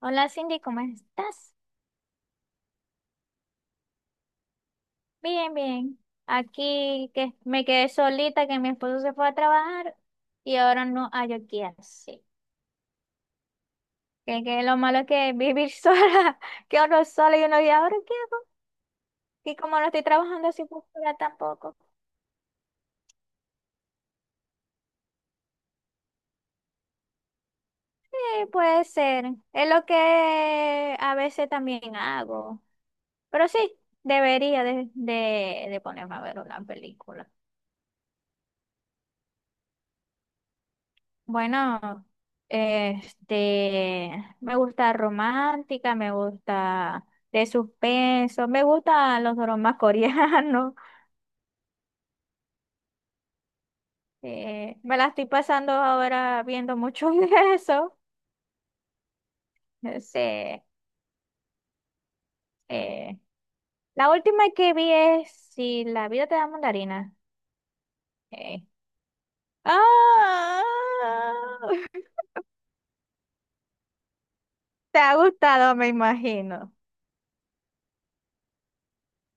Hola Cindy, ¿cómo estás? Bien, bien. Aquí que me quedé solita, que mi esposo se fue a trabajar y ahora no hay qué hacer. Que lo malo es que vivir sola, que uno es sola y uno y ahora qué hago. Y como no estoy trabajando así por fuera tampoco. Sí, puede ser. Es lo que a veces también hago. Pero sí, debería de ponerme a ver una película. Bueno, este, me gusta romántica, me gusta de suspenso, me gustan los dramas coreanos. Me la estoy pasando ahora viendo mucho de eso. No sé, eh, la última que vi es Si la vida te da mandarina. eh, ¡Ah! Te ha gustado, me imagino.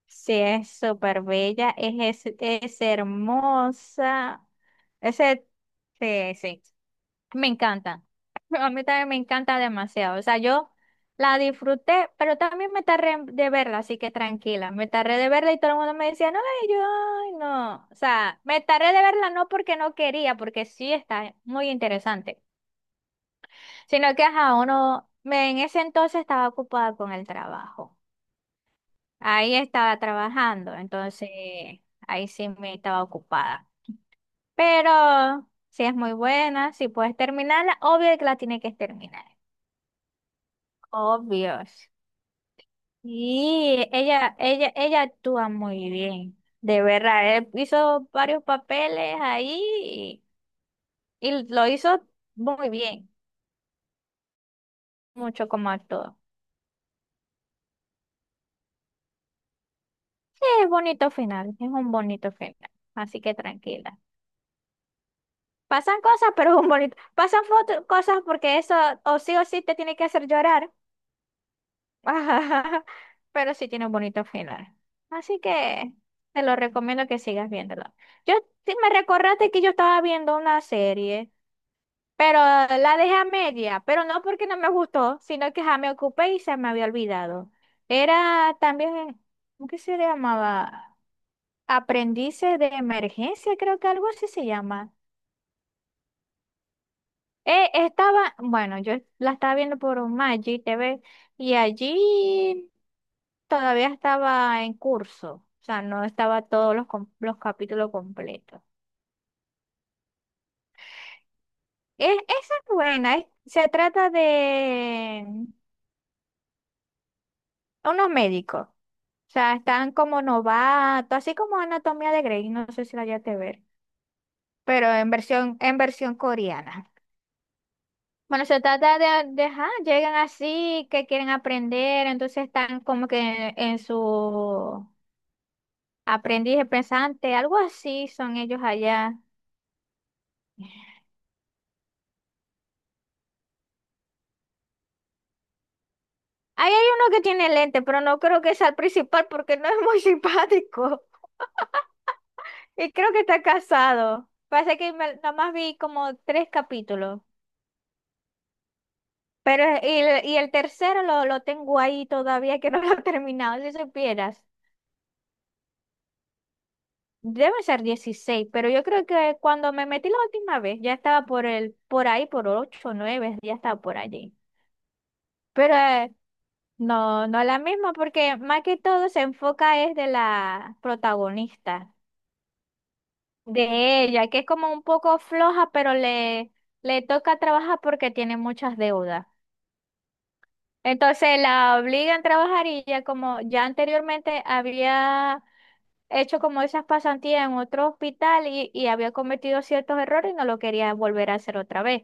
Sí, es súper bella, es hermosa. Ese, sí, sí, me encanta. A mí también me encanta demasiado. O sea, yo la disfruté, pero también me tardé de verla, así que tranquila. Me tardé de verla y todo el mundo me decía, no, y yo, ay, no. O sea, me tardé de verla no porque no quería, porque sí está muy interesante, sino que ajá, uno, me, en ese entonces estaba ocupada con el trabajo. Ahí estaba trabajando, entonces ahí sí me estaba ocupada. Pero si es muy buena, si puedes terminarla, obvio que la tiene que terminar. Obvios. Y ella actúa muy bien. De verdad, él hizo varios papeles ahí y lo hizo muy bien, mucho como actuó. Sí, es bonito final, es un bonito final. Así que tranquila. Pasan cosas, pero es un bonito. Pasan cosas porque eso o sí te tiene que hacer llorar. Pero sí tiene un bonito final. Así que te lo recomiendo que sigas viéndolo. Yo sí me recordaste que yo estaba viendo una serie, pero la dejé a media, pero no porque no me gustó, sino que ya me ocupé y se me había olvidado. Era también, ¿cómo que se llamaba? Aprendices de emergencia, creo que algo así se llama. Estaba, bueno, yo la estaba viendo por un Magic TV y allí todavía estaba en curso, o sea, no estaba todos los, los capítulos completos. Esa es buena, se trata de unos médicos, o sea, están como novatos, así como Anatomía de Grey, no sé si la llegaste a ver, pero en versión coreana. Bueno, se trata de ajá, llegan así, que quieren aprender, entonces están como que en su aprendiz de pensante, algo así son ellos allá. Ahí hay uno que tiene lente, pero no creo que sea el principal porque no es muy simpático. Y creo que está casado. Pasa que nada más vi como tres capítulos. Y el tercero lo tengo ahí todavía que no lo he terminado, si supieras. Debe ser 16 pero yo creo que cuando me metí la última vez ya estaba por el, por ahí, por 8 o 9, ya estaba por allí. Pero no, no es la misma porque más que todo se enfoca es de la protagonista, de ella, que es como un poco floja, pero le toca trabajar porque tiene muchas deudas. Entonces la obligan a trabajar y ya como ya anteriormente había hecho como esas pasantías en otro hospital y había cometido ciertos errores y no lo quería volver a hacer otra vez.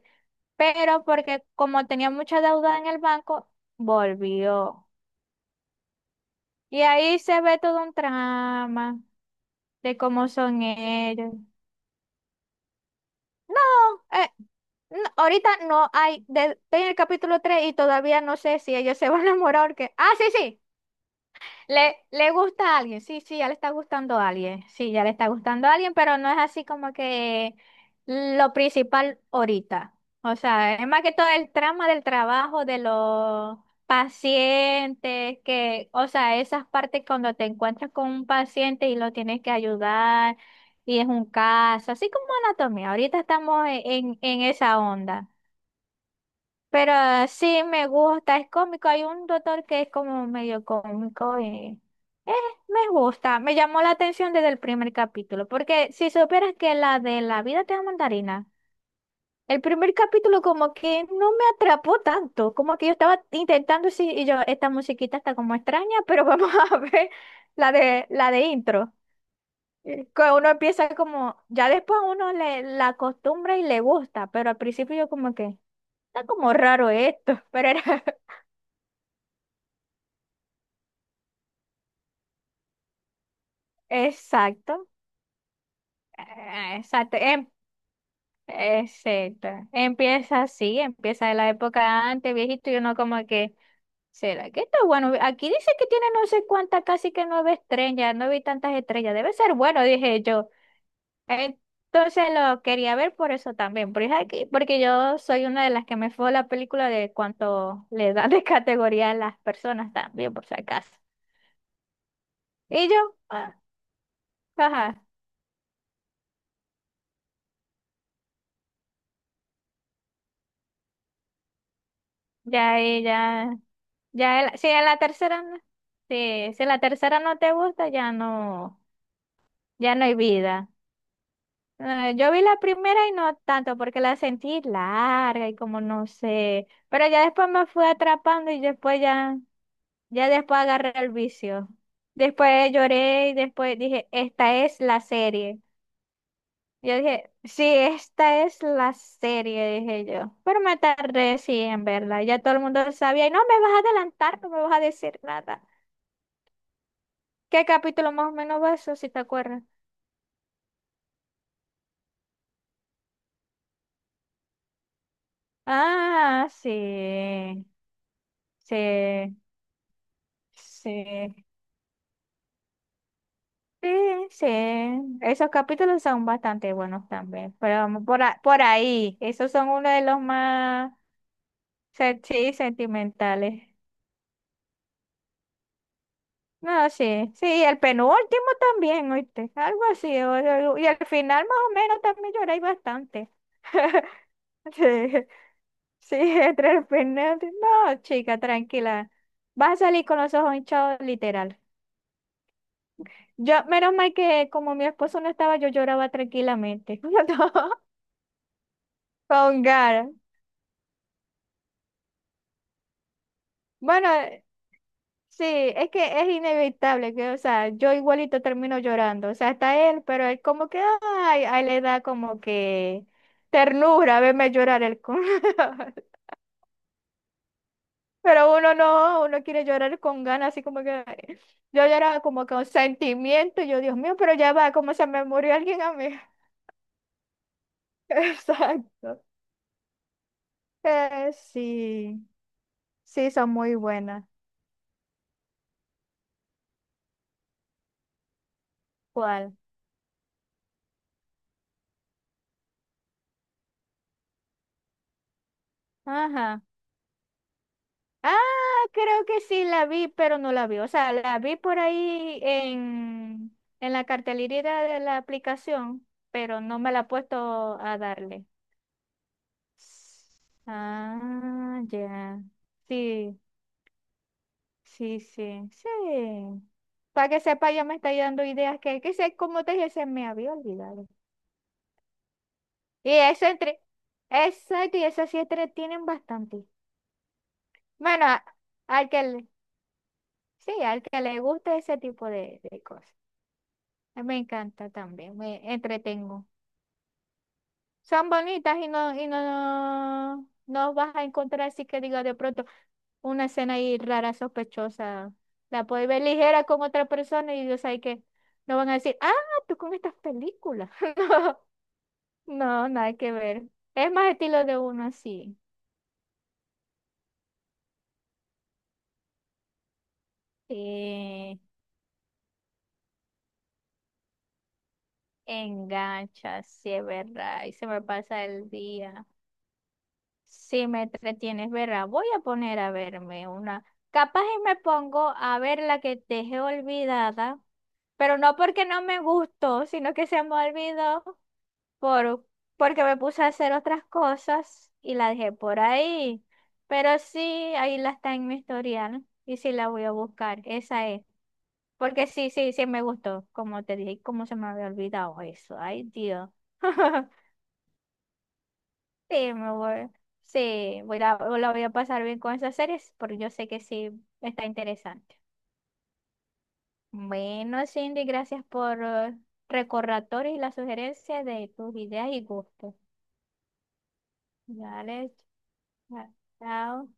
Pero porque como tenía mucha deuda en el banco, volvió. Y ahí se ve todo un trama de cómo son ellos. No, eh, no, ahorita no hay, estoy en el capítulo 3 y todavía no sé si ellos se van a enamorar. Que… ¡Ah, sí, sí! Le gusta a alguien, sí, sí, ya le está gustando a alguien, sí, ya le está gustando a alguien, pero no es así como que lo principal ahorita. O sea, es más que todo el trama del trabajo, de los pacientes, que, o sea, esas partes cuando te encuentras con un paciente y lo tienes que ayudar y es un caso, así como anatomía. Ahorita estamos en en esa onda. Pero sí me gusta, es cómico. Hay un doctor que es como medio cómico y eh, me gusta. Me llamó la atención desde el primer capítulo, porque si supieras que la de La vida te da mandarina, el primer capítulo como que no me atrapó tanto, como que yo estaba intentando sí, y yo, esta musiquita está como extraña, pero vamos a ver la de intro. Que uno empieza como, ya después uno le la acostumbra y le gusta, pero al principio yo como que, está como raro esto, pero era exacto, exacto, exacto. Empieza así, empieza de la época antes, viejito, y uno como que, ¿será que está bueno? Aquí dice que tiene no sé cuántas, casi que nueve estrellas, no vi tantas estrellas, debe ser bueno, dije yo. Entonces lo quería ver por eso también, porque, aquí, porque yo soy una de las que me fue la película de cuánto le dan de categoría a las personas también, por si acaso. Y yo, ah, ajá, ya, ahí, ya. Si en la tercera, sí, si en la tercera no te gusta, ya no, ya no hay vida. Yo vi la primera y no tanto, porque la sentí larga y como no sé. Pero ya después me fui atrapando y después ya, ya después agarré el vicio. Después lloré y después dije, esta es la serie. Yo dije, sí, esta es la serie, dije yo. Pero me tardé sí en verla. Ya todo el mundo sabía, y no me vas a adelantar, no me vas a decir nada. ¿Qué capítulo más o menos va eso, si te acuerdas? Ah, sí, sí, sí, sí, sí. Esos capítulos son bastante buenos también, pero vamos por, por ahí, esos son uno de los más sí, sentimentales. No, sí, sí, el penúltimo también, ¿oíste? Algo así, y al final más o menos también lloráis bastante. Sí. Sí, Tres Fernández. No, chica, tranquila. Vas a salir con los ojos hinchados, literal. Yo, menos mal que como mi esposo no estaba, yo lloraba tranquilamente. Con Gara. Bueno, sí, es que es inevitable que, o sea, yo igualito termino llorando. O sea, hasta él, pero él como que, ay, a él le da como que ternura verme llorar el con. Pero uno no, uno quiere llorar con ganas, así como que yo lloraba como con sentimiento, y yo, Dios mío, pero ya va, como se me murió alguien a mí. Exacto. Sí, sí, son muy buenas. ¿Cuál? Ajá. Ah, creo que sí la vi, pero no la vi. O sea, la vi por ahí en la cartelerita de la aplicación, pero no me la he puesto a darle. Ah, ya. Sí. Sí, sí, sí. Para que sepa, ya me está dando ideas que sé, como te dije, se me había olvidado. Y eso entre, exacto, y eso sí entretienen bastante. Bueno, al que le, sí, al que le guste ese tipo de cosas. A mí me encanta también, me entretengo. Son bonitas no, vas a encontrar así que digo de pronto una escena ahí rara, sospechosa. La puedes ver ligera con otra persona y Dios sabe que no van a decir, ah, tú con estas películas. No, no, nada que ver. Es más estilo de uno así. Sí, engancha, sí es verdad. Y se me pasa el día. Sí me entretienes, ¿verdad? Voy a poner a verme una. Capaz y me pongo a ver la que dejé olvidada, pero no porque no me gustó, sino que se me olvidó. por, porque me puse a hacer otras cosas y la dejé por ahí. Pero sí, ahí la está en mi historial y sí la voy a buscar, esa es. Porque sí, sí, sí me gustó, como te dije, cómo se me había olvidado eso. Ay, Dios. Sí, me voy. Sí, voy a, la voy a pasar bien con esas series porque yo sé que sí está interesante. Bueno, Cindy, gracias por recordatorios y las sugerencias de tus ideas y gustos. Dale, cha- chao.